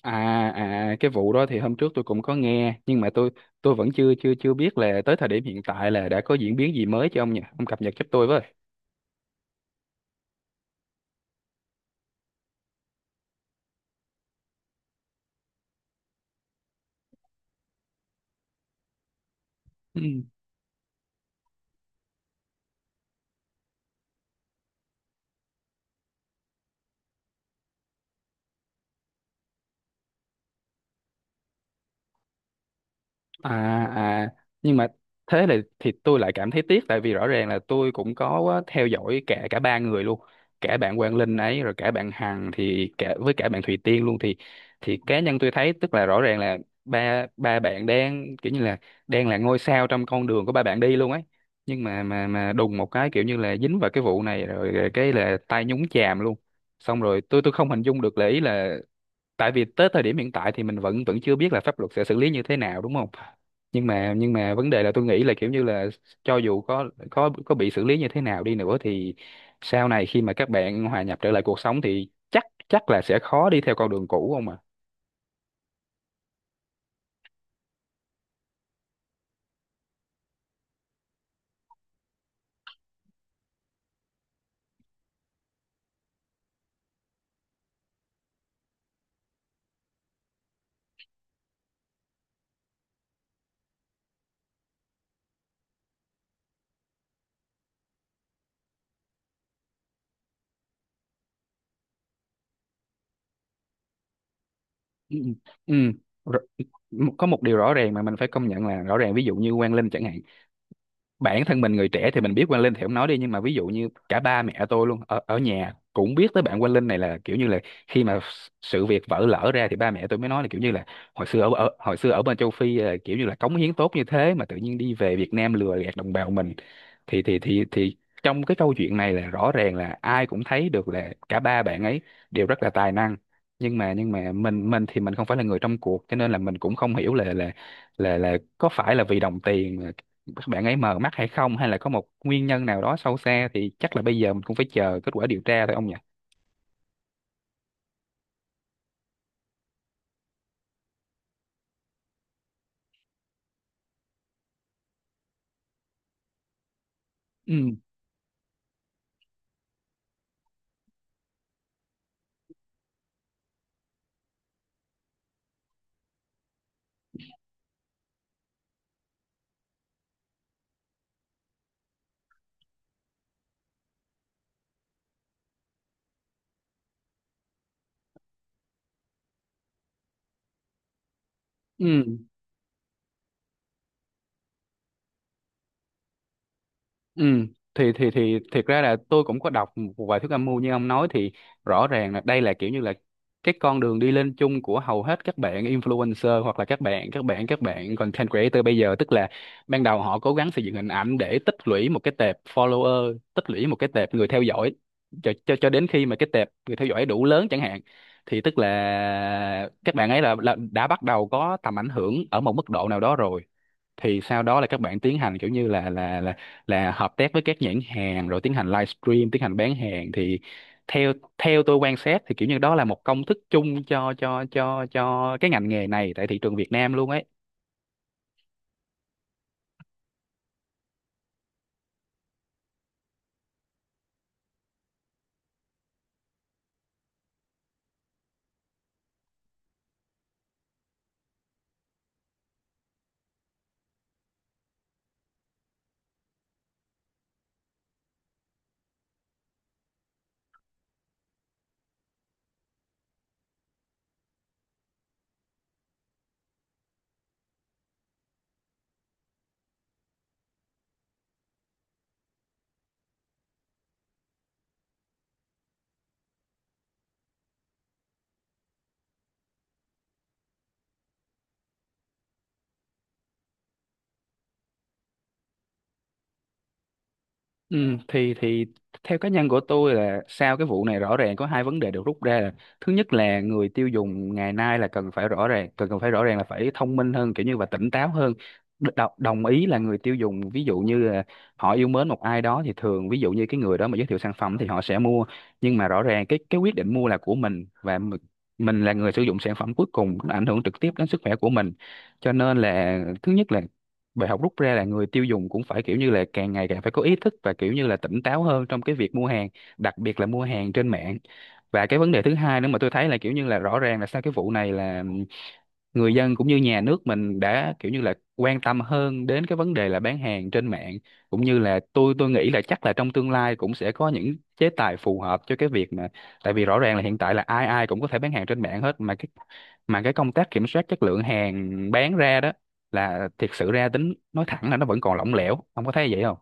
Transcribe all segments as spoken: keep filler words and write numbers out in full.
À, à cái vụ đó thì hôm trước tôi cũng có nghe, nhưng mà tôi tôi vẫn chưa chưa chưa biết là tới thời điểm hiện tại là đã có diễn biến gì mới cho ông nhỉ? Ông cập nhật giúp tôi với. à à nhưng mà thế là thì tôi lại cảm thấy tiếc, tại vì rõ ràng là tôi cũng có á, theo dõi cả cả ba người luôn, cả bạn Quang Linh ấy, rồi cả bạn Hằng, thì cả với cả bạn Thùy Tiên luôn. Thì thì cá nhân tôi thấy tức là rõ ràng là ba ba bạn đang kiểu như là đang là ngôi sao trong con đường của ba bạn đi luôn ấy, nhưng mà mà mà đùng một cái kiểu như là dính vào cái vụ này rồi cái là tay nhúng chàm luôn. Xong rồi tôi tôi không hình dung được là, ý là tại vì tới thời điểm hiện tại thì mình vẫn vẫn chưa biết là pháp luật sẽ xử lý như thế nào, đúng không? Nhưng mà nhưng mà vấn đề là tôi nghĩ là kiểu như là cho dù có có có bị xử lý như thế nào đi nữa thì sau này khi mà các bạn hòa nhập trở lại cuộc sống thì chắc chắc là sẽ khó đi theo con đường cũ không à. Ừ. Ừ. Rõ- có một điều rõ ràng mà mình phải công nhận là, rõ ràng ví dụ như Quang Linh chẳng hạn, bản thân mình người trẻ thì mình biết Quang Linh thì không nói đi, nhưng mà ví dụ như cả ba mẹ tôi luôn ở ở nhà cũng biết tới bạn Quang Linh này, là kiểu như là khi mà sự việc vỡ lở ra thì ba mẹ tôi mới nói là kiểu như là hồi xưa ở, ở hồi xưa ở bên châu Phi là kiểu như là cống hiến tốt như thế mà tự nhiên đi về Việt Nam lừa gạt đồng bào mình. Thì thì thì thì trong cái câu chuyện này là rõ ràng là ai cũng thấy được là cả ba bạn ấy đều rất là tài năng. Nhưng mà nhưng mà mình mình thì mình không phải là người trong cuộc, cho nên là mình cũng không hiểu là là là là có phải là vì đồng tiền các bạn ấy mờ mắt hay không, hay là có một nguyên nhân nào đó sâu xa, thì chắc là bây giờ mình cũng phải chờ kết quả điều tra thôi ông nhỉ. Ừ. Ừ. Ừ, thì thì thì thiệt ra là tôi cũng có đọc một vài thuyết âm mưu như ông nói. Thì rõ ràng là đây là kiểu như là cái con đường đi lên chung của hầu hết các bạn influencer, hoặc là các bạn các bạn các bạn content creator bây giờ. Tức là ban đầu họ cố gắng xây dựng hình ảnh để tích lũy một cái tệp follower, tích lũy một cái tệp người theo dõi, cho cho cho đến khi mà cái tệp người theo dõi đủ lớn chẳng hạn, thì tức là các bạn ấy là, là đã bắt đầu có tầm ảnh hưởng ở một mức độ nào đó rồi. Thì sau đó là các bạn tiến hành kiểu như là là là là hợp tác với các nhãn hàng, rồi tiến hành livestream, tiến hành bán hàng. Thì theo theo tôi quan sát thì kiểu như đó là một công thức chung cho cho cho cho cái ngành nghề này tại thị trường Việt Nam luôn ấy. Ừ, thì thì theo cá nhân của tôi là sau cái vụ này rõ ràng có hai vấn đề được rút ra là: thứ nhất là người tiêu dùng ngày nay là cần phải rõ ràng, cần cần phải rõ ràng là phải thông minh hơn kiểu như và tỉnh táo hơn. Đ- đo- đồng ý là người tiêu dùng ví dụ như là họ yêu mến một ai đó thì thường ví dụ như cái người đó mà giới thiệu sản phẩm thì họ sẽ mua, nhưng mà rõ ràng cái cái quyết định mua là của mình, và m- mình là người sử dụng sản phẩm cuối cùng, nó ảnh hưởng trực tiếp đến sức khỏe của mình. Cho nên là thứ nhất là bài học rút ra là người tiêu dùng cũng phải kiểu như là càng ngày càng phải có ý thức và kiểu như là tỉnh táo hơn trong cái việc mua hàng, đặc biệt là mua hàng trên mạng. Và cái vấn đề thứ hai nữa mà tôi thấy là kiểu như là rõ ràng là sau cái vụ này là người dân cũng như nhà nước mình đã kiểu như là quan tâm hơn đến cái vấn đề là bán hàng trên mạng, cũng như là tôi tôi nghĩ là chắc là trong tương lai cũng sẽ có những chế tài phù hợp cho cái việc mà tại vì rõ ràng là hiện tại là ai ai cũng có thể bán hàng trên mạng hết, mà cái mà cái công tác kiểm soát chất lượng hàng bán ra đó là thiệt sự ra tính nói thẳng là nó vẫn còn lỏng lẻo, ông có thấy vậy không?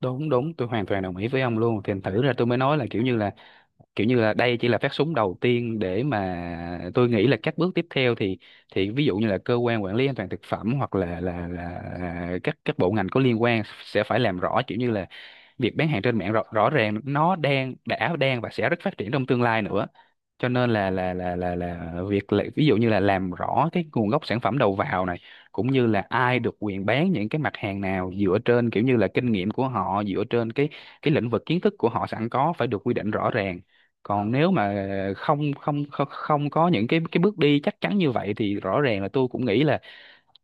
Đúng, đúng, tôi hoàn toàn đồng ý với ông luôn. Thì thử ra tôi mới nói là kiểu như là kiểu như là đây chỉ là phát súng đầu tiên, để mà tôi nghĩ là các bước tiếp theo thì thì ví dụ như là cơ quan quản lý an toàn thực phẩm, hoặc là là là à, các các bộ ngành có liên quan, sẽ phải làm rõ kiểu như là việc bán hàng trên mạng rõ, rõ ràng nó đang đã đang và sẽ rất phát triển trong tương lai nữa. Cho nên là là là là là việc là, ví dụ như là làm rõ cái nguồn gốc sản phẩm đầu vào này, cũng như là ai được quyền bán những cái mặt hàng nào dựa trên kiểu như là kinh nghiệm của họ, dựa trên cái cái lĩnh vực kiến thức của họ sẵn có, phải được quy định rõ ràng. Còn nếu mà không không không không có những cái cái bước đi chắc chắn như vậy thì rõ ràng là tôi cũng nghĩ là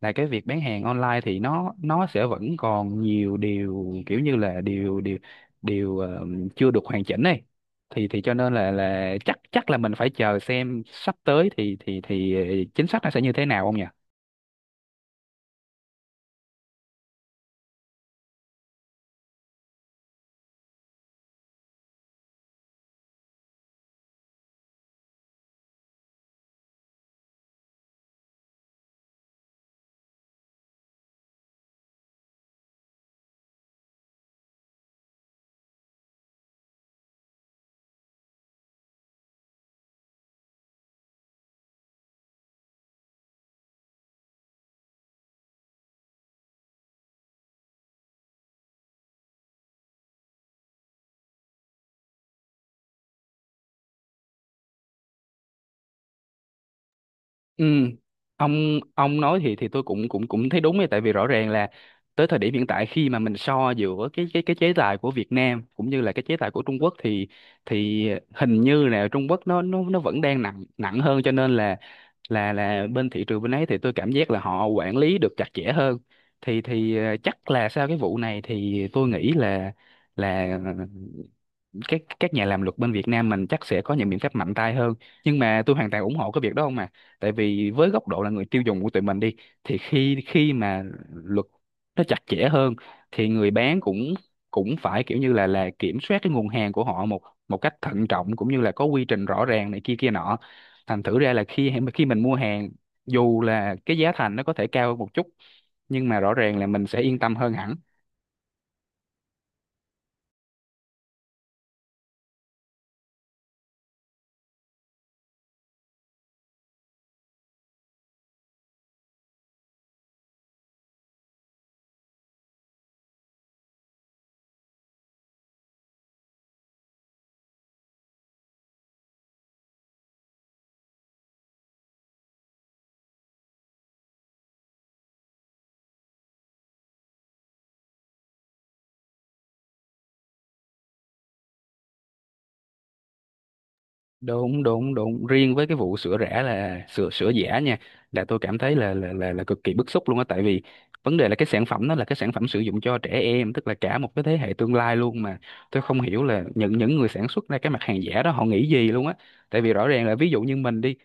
là cái việc bán hàng online thì nó nó sẽ vẫn còn nhiều điều kiểu như là điều điều điều ờ, chưa được hoàn chỉnh này. Thì thì cho nên là là chắc chắc là mình phải chờ xem sắp tới thì thì thì ờ, chính sách nó sẽ như thế nào không nhỉ. Ừ, ông ông nói thì thì tôi cũng cũng cũng thấy đúng ấy, tại vì rõ ràng là tới thời điểm hiện tại khi mà mình so giữa cái cái cái chế tài của Việt Nam cũng như là cái chế tài của Trung Quốc thì thì hình như là Trung Quốc nó nó nó vẫn đang nặng nặng hơn, cho nên là là là bên thị trường bên ấy thì tôi cảm giác là họ quản lý được chặt chẽ hơn. Thì thì ờ, chắc là sau cái vụ này thì tôi nghĩ là là các các nhà làm luật bên Việt Nam mình chắc sẽ có những biện pháp mạnh tay hơn, nhưng mà tôi hoàn toàn ủng hộ cái việc đó không mà. Tại vì với góc độ là người tiêu dùng của tụi mình đi, thì khi khi mà luật nó chặt chẽ hơn thì người bán cũng cũng phải kiểu như là là kiểm soát cái nguồn hàng của họ một một cách thận trọng, cũng như là có quy trình rõ ràng này kia kia nọ, thành thử ra là khi khi mình mua hàng, dù là cái giá thành nó có thể cao hơn một chút, nhưng mà rõ ràng là mình sẽ yên tâm hơn hẳn. Đúng, đúng, đúng, riêng với cái vụ sữa rẻ là sữa sữa giả nha, là tôi cảm thấy là là là, là cực kỳ bức xúc luôn á, tại vì vấn đề là cái sản phẩm nó là cái sản phẩm sử dụng cho trẻ em, tức là cả một cái thế hệ tương lai luôn mà. Tôi không hiểu là những những người sản xuất ra cái mặt hàng giả đó họ nghĩ gì luôn á, tại vì rõ ràng là ví dụ như mình đi,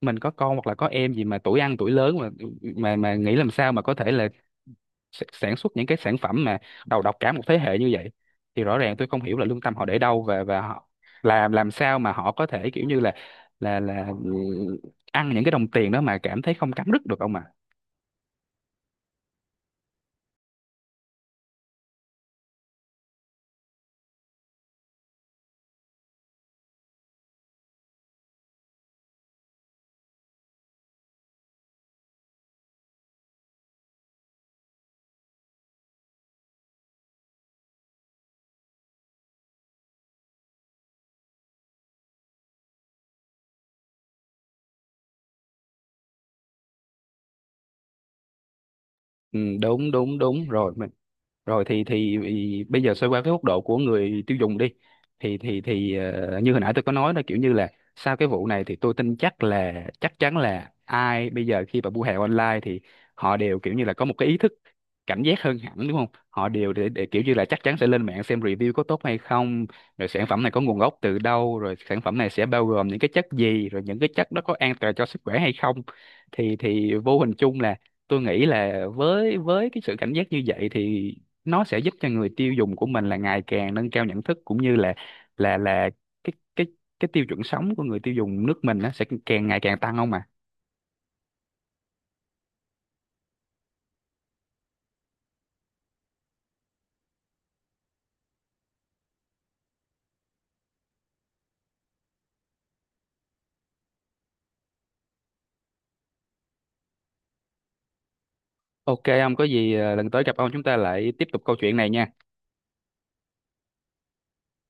mình có con hoặc là có em gì mà tuổi ăn tuổi lớn mà, mà mà nghĩ làm sao mà có thể là s- sản xuất những cái sản phẩm mà đầu độc cả một thế hệ như vậy. Thì rõ ràng tôi không hiểu là lương tâm họ để đâu, và và họ làm làm sao mà họ có thể kiểu như là là là ừ, ăn những cái đồng tiền đó mà cảm thấy không cắn rứt được không ạ. Ừ, đúng, đúng, đúng rồi, rồi. Thì, thì thì bây giờ xoay qua cái góc độ của người tiêu dùng đi, thì thì thì ờ, như hồi nãy tôi có nói là kiểu như là sau cái vụ này thì tôi tin chắc là chắc chắn là ai bây giờ khi mà mua hàng online thì họ đều kiểu như là có một cái ý thức cảnh giác hơn hẳn, đúng không? Họ đều để, để kiểu như là chắc chắn sẽ lên mạng xem review có tốt hay không, rồi sản phẩm này có nguồn gốc từ đâu, rồi sản phẩm này sẽ bao gồm những cái chất gì, rồi những cái chất đó có an toàn cho sức khỏe hay không. Thì thì vô hình chung là tôi nghĩ là với với cái sự cảnh giác như vậy thì nó sẽ giúp cho người tiêu dùng của mình là ngày càng nâng cao nhận thức, cũng như là là là cái cái cái tiêu chuẩn sống của người tiêu dùng nước mình nó sẽ càng ngày càng tăng không mà. Ok, ông có gì ờ, lần tới gặp ông chúng ta lại tiếp tục câu chuyện này nha.